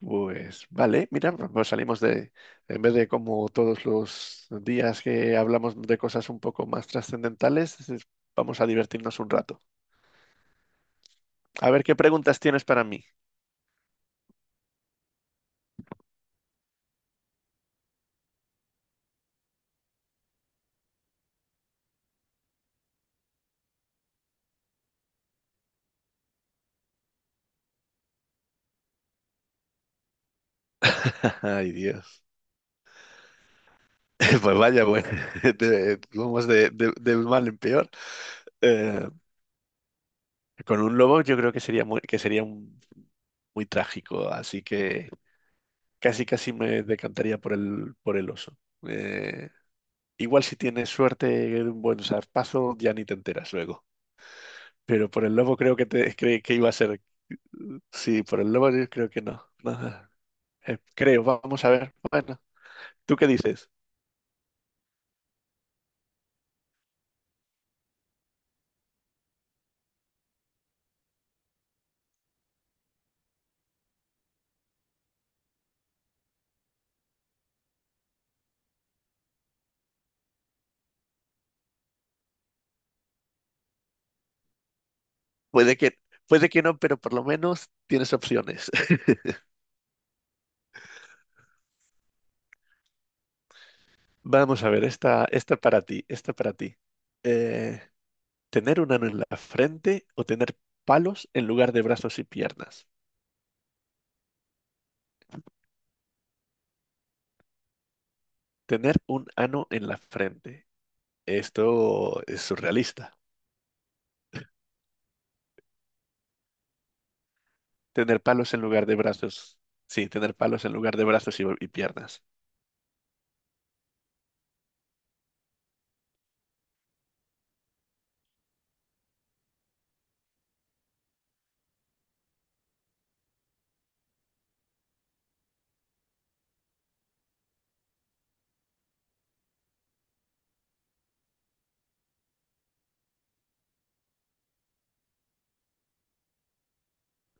Pues vale, mira, pues salimos de, en vez de como todos los días que hablamos de cosas un poco más trascendentales, vamos a divertirnos un rato. A ver, ¿qué preguntas tienes para mí? Ay, Dios. Pues vaya, bueno, Vamos de mal en peor. Eh, con un lobo yo creo que sería muy, que sería un- muy trágico, así que casi casi me decantaría por el oso. Eh, Igual si tienes suerte, de un buen zarpazo, ya ni te enteras luego. Pero por el lobo creo que te creí que iba a ser. Sí, por el lobo yo creo que no. No, no, creo, vamos a ver. Bueno, ¿tú qué dices? Puede que, puede que no, pero por lo menos tienes opciones. Vamos a ver, esta para ti, esta para ti. Eh, ¿Tener un ano en la frente o tener palos en lugar de brazos y piernas? Tener un ano en la frente. Esto es surrealista. Tener palos en lugar de brazos. Sí, tener palos en lugar de brazos y piernas.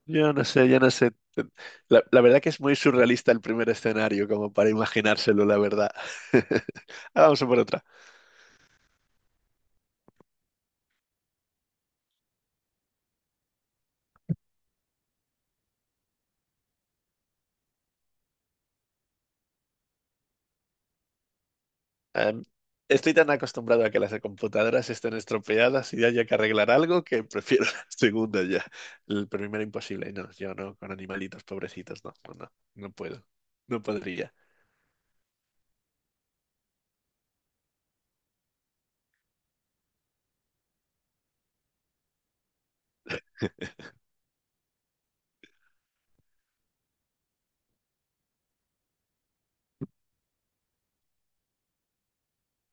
Yo no sé, yo no sé. La verdad que es muy surrealista el primer escenario, como para imaginárselo, la verdad. Ahora vamos a por otra. Em, Estoy tan acostumbrado a que las computadoras estén estropeadas y haya que arreglar algo que prefiero la segunda ya. El primero imposible. No, yo no, con animalitos pobrecitos, no, no, no, no puedo. No podría.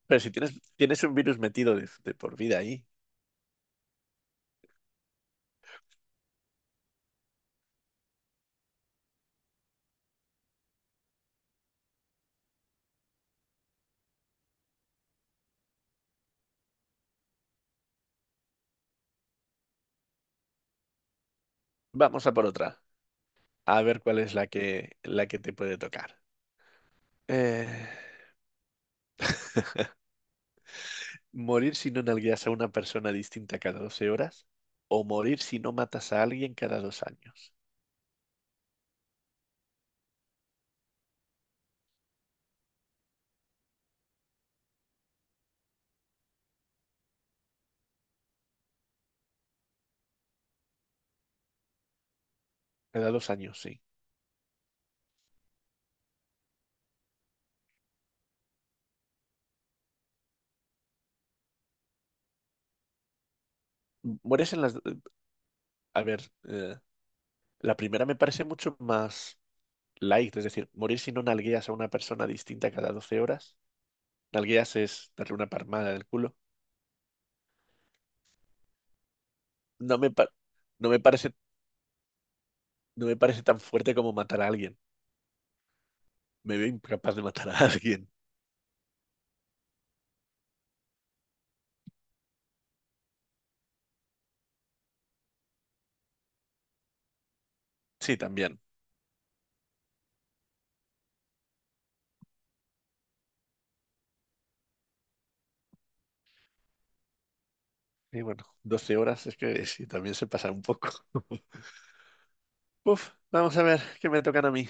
Pero si tienes un virus metido de por vida ahí, vamos a por otra. A ver cuál es la que te puede tocar. Eh, ¿Morir si no nalgueas a una persona distinta cada 12 horas? ¿O morir si no matas a alguien cada 2 años? Cada dos años, sí. Mueres en las... A ver, eh, la primera me parece mucho más light, es decir, morir si no nalgueas a una persona distinta cada 12 horas. Nalgueas es darle una palmada del culo. No me, pa- no me parece, no me parece tan fuerte como matar a alguien. Me veo incapaz de matar a alguien. Sí, también. Y bueno, 12 horas es que sí, también se pasa un poco. Uf, vamos a ver qué me tocan a mí.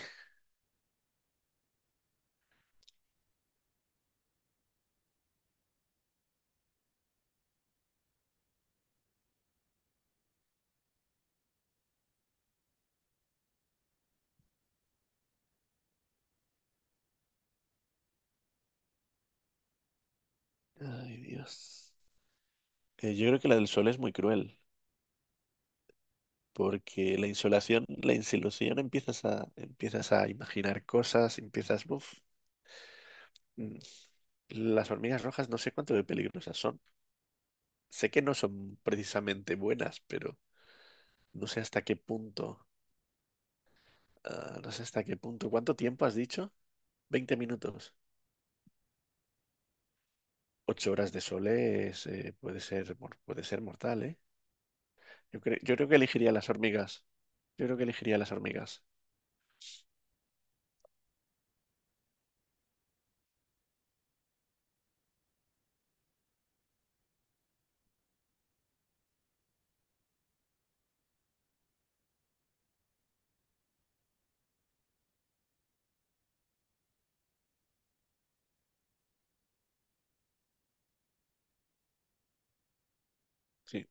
Ay, Dios. Yo creo que la del sol es muy cruel, porque la insolación empiezas a imaginar cosas, mm, las hormigas rojas no sé cuánto de peligrosas son. Sé que no son precisamente buenas, pero no sé hasta qué punto, no sé hasta qué punto. ¿Cuánto tiempo has dicho? 20 minutos. 8 horas de sol es, puede ser, mor- puede ser mortal, ¿eh? Yo creo que elegiría las hormigas. Yo creo que elegiría las hormigas. Sí.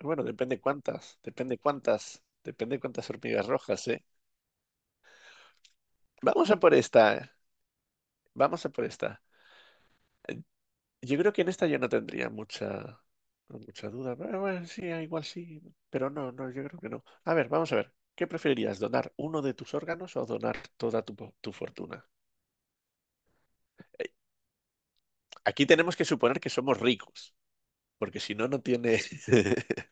Bueno, depende cuántas hormigas rojas, ¿eh? Vamos a por esta, ¿eh? Vamos a por esta. Eh, Yo creo que en esta yo no tendría mucha, mucha duda. Bueno, bueno, sí, igual sí, pero no, no, yo creo que no. A ver, vamos a ver. ¿Qué preferirías, donar uno de tus órganos o donar toda tu fortuna? Eh, Aquí tenemos que suponer que somos ricos, porque si no, no tiene...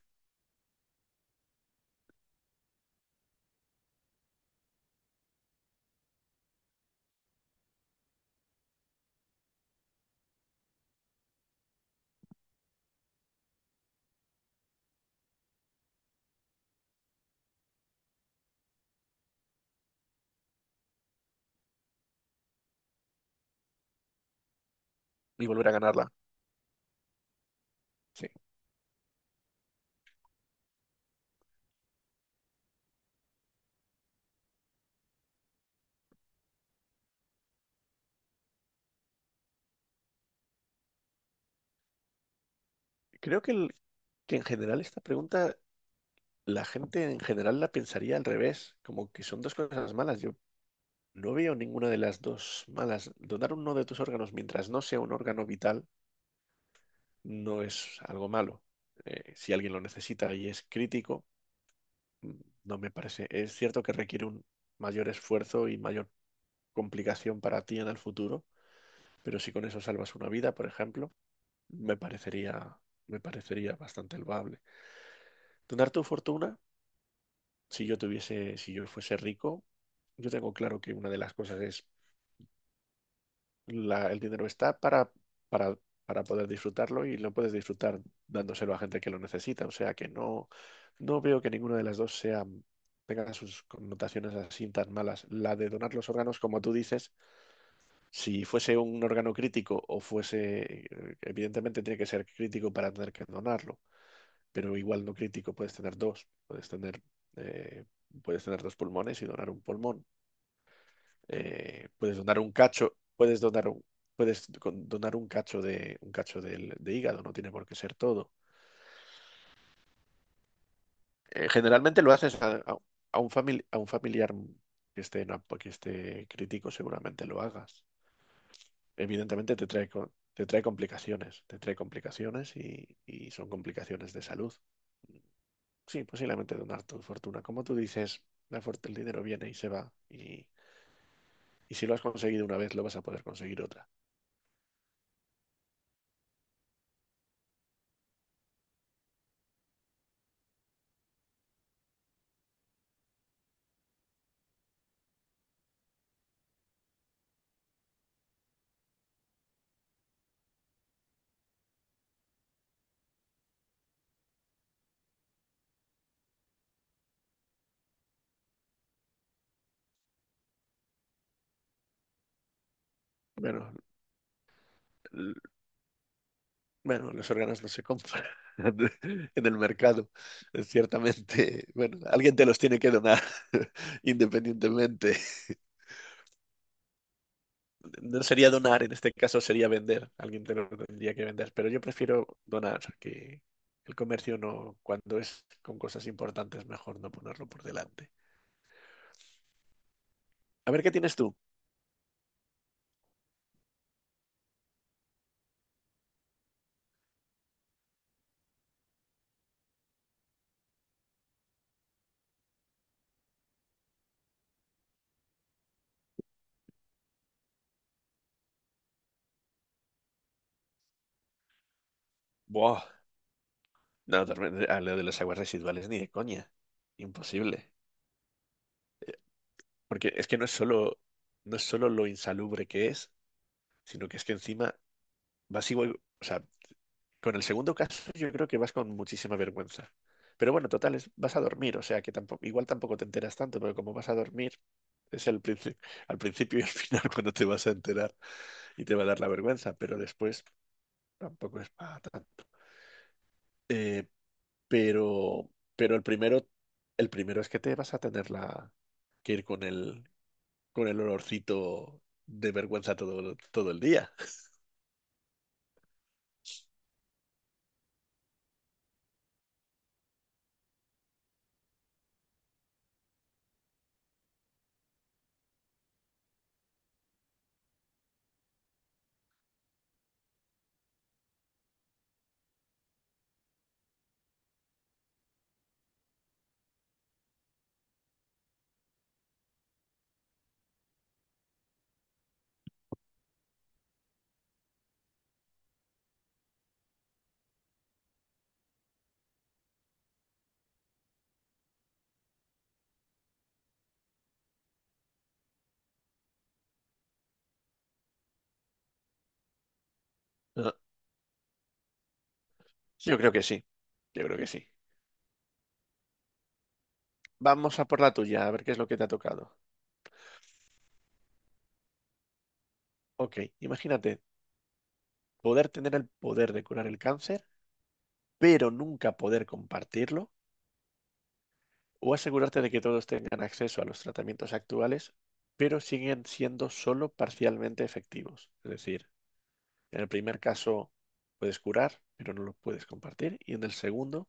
Y volver a ganarla. Sí. Creo que en general esta pregunta la gente en general la pensaría al revés, como que son dos cosas malas. Yo no veo ninguna de las dos malas. Donar uno de tus órganos mientras no sea un órgano vital no es algo malo. Si alguien lo necesita y es crítico, mm, no me parece. Es cierto que requiere un mayor esfuerzo y mayor complicación para ti en el futuro, pero si con eso salvas una vida, por ejemplo, me parecería, me parecería bastante loable. Donar tu fortuna. Si yo fuese rico, yo tengo claro que una de las cosas es el dinero está para, para poder disfrutarlo y lo puedes disfrutar dándoselo a gente que lo necesita. O sea que no, no veo que ninguna de las dos tenga sus connotaciones así tan malas. La de donar los órganos, como tú dices, si fuese un órgano crítico o fuese, evidentemente tiene que ser crítico para tener que donarlo, pero igual no crítico, eh, puedes tener dos pulmones y donar un pulmón eh, puedes donar un cacho, puedes donar un, donar un cacho de un cacho de hígado, no tiene por qué ser todo. Generalmente lo haces a, a un familiar que esté crítico, seguramente lo hagas. Evidentemente te trae complicaciones, te trae complicaciones y son complicaciones de salud. Sí, posiblemente donar tu fortuna. Como tú dices, el dinero viene y se va. Y si lo has conseguido una vez, lo vas a poder conseguir otra. Bueno, bueno, los órganos no se compran en el mercado. Es ciertamente, bueno, alguien te los tiene que donar independientemente. No sería donar, en este caso sería vender. Alguien te los tendría que vender, pero yo prefiero donar, que el comercio no, cuando es con cosas importantes, mejor no ponerlo por delante. A ver, ¿qué tienes tú? Buah, no, a lo de las aguas residuales ni de coña. Imposible. Porque es que no es solo lo insalubre que es, sino que es que encima vas igual, o sea, con el segundo caso yo creo que vas con muchísima vergüenza. Pero bueno, total, es- vas a dormir, o sea que tampoco, igual tampoco te enteras tanto, pero como vas a dormir, es el princi- al principio y al final cuando te vas a enterar y te va a dar la vergüenza, pero después tampoco es para tanto. Eh, pero, pero el primero es que te vas a tener que ir con el olorcito de vergüenza todo, todo el día. Yo creo que sí, yo creo que sí. Vamos a por la tuya, a ver qué es lo que te ha tocado. Ok, imagínate poder tener el poder de curar el cáncer, pero nunca poder compartirlo, o asegurarte de que todos tengan acceso a los tratamientos actuales, pero siguen siendo solo parcialmente efectivos. Es decir, en el primer caso puedes curar, pero no lo puedes compartir, y en el segundo,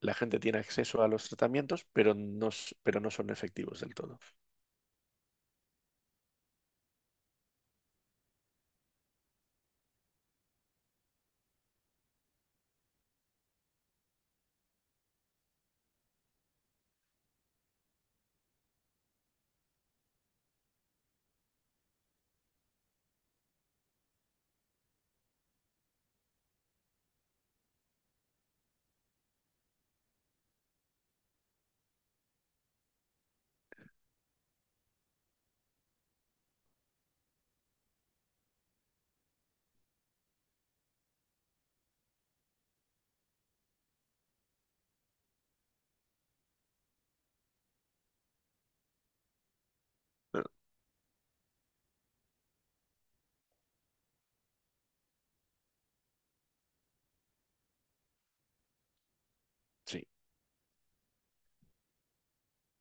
la gente tiene acceso a los tratamientos, pero no son efectivos del todo. Eh, Sí.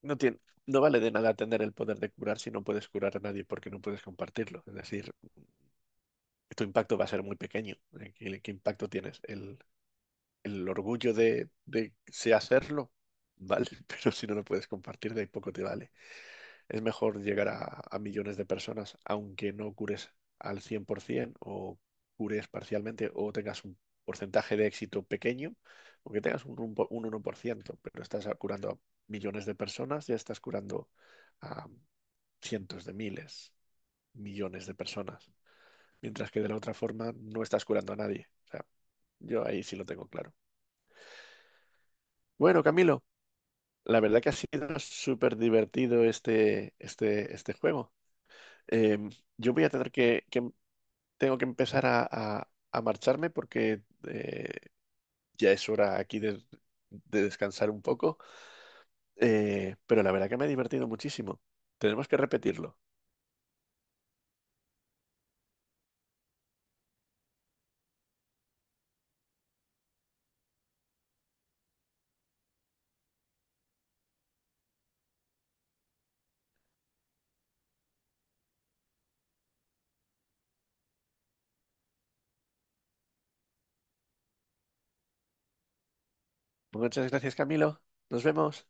No tiene, no vale de nada tener el poder de curar si no puedes curar a nadie porque no puedes compartirlo. Es decir, tu impacto va a ser muy pequeño. ¿Qué impacto tienes? El orgullo de sé hacerlo, vale, pero si no lo puedes compartir, de ahí poco te vale. Es mejor llegar a, millones de personas, aunque no cures al 100% o cures parcialmente o tengas un porcentaje de éxito pequeño, aunque tengas un 1%, pero curando a millones de personas, ya estás curando a cientos de miles, millones de personas, mientras que de la otra forma no estás curando a nadie. O sea, yo ahí sí lo tengo claro. Bueno, Camilo, la verdad que ha sido súper divertido este juego. eh, yo voy a tener que- em, tengo que empezar a marcharme porque eh, ya es hora aquí de descansar un poco, pero la verdad que me he divertido muchísimo. Tenemos que repetirlo. Muchas gracias, Camilo. Nos vemos.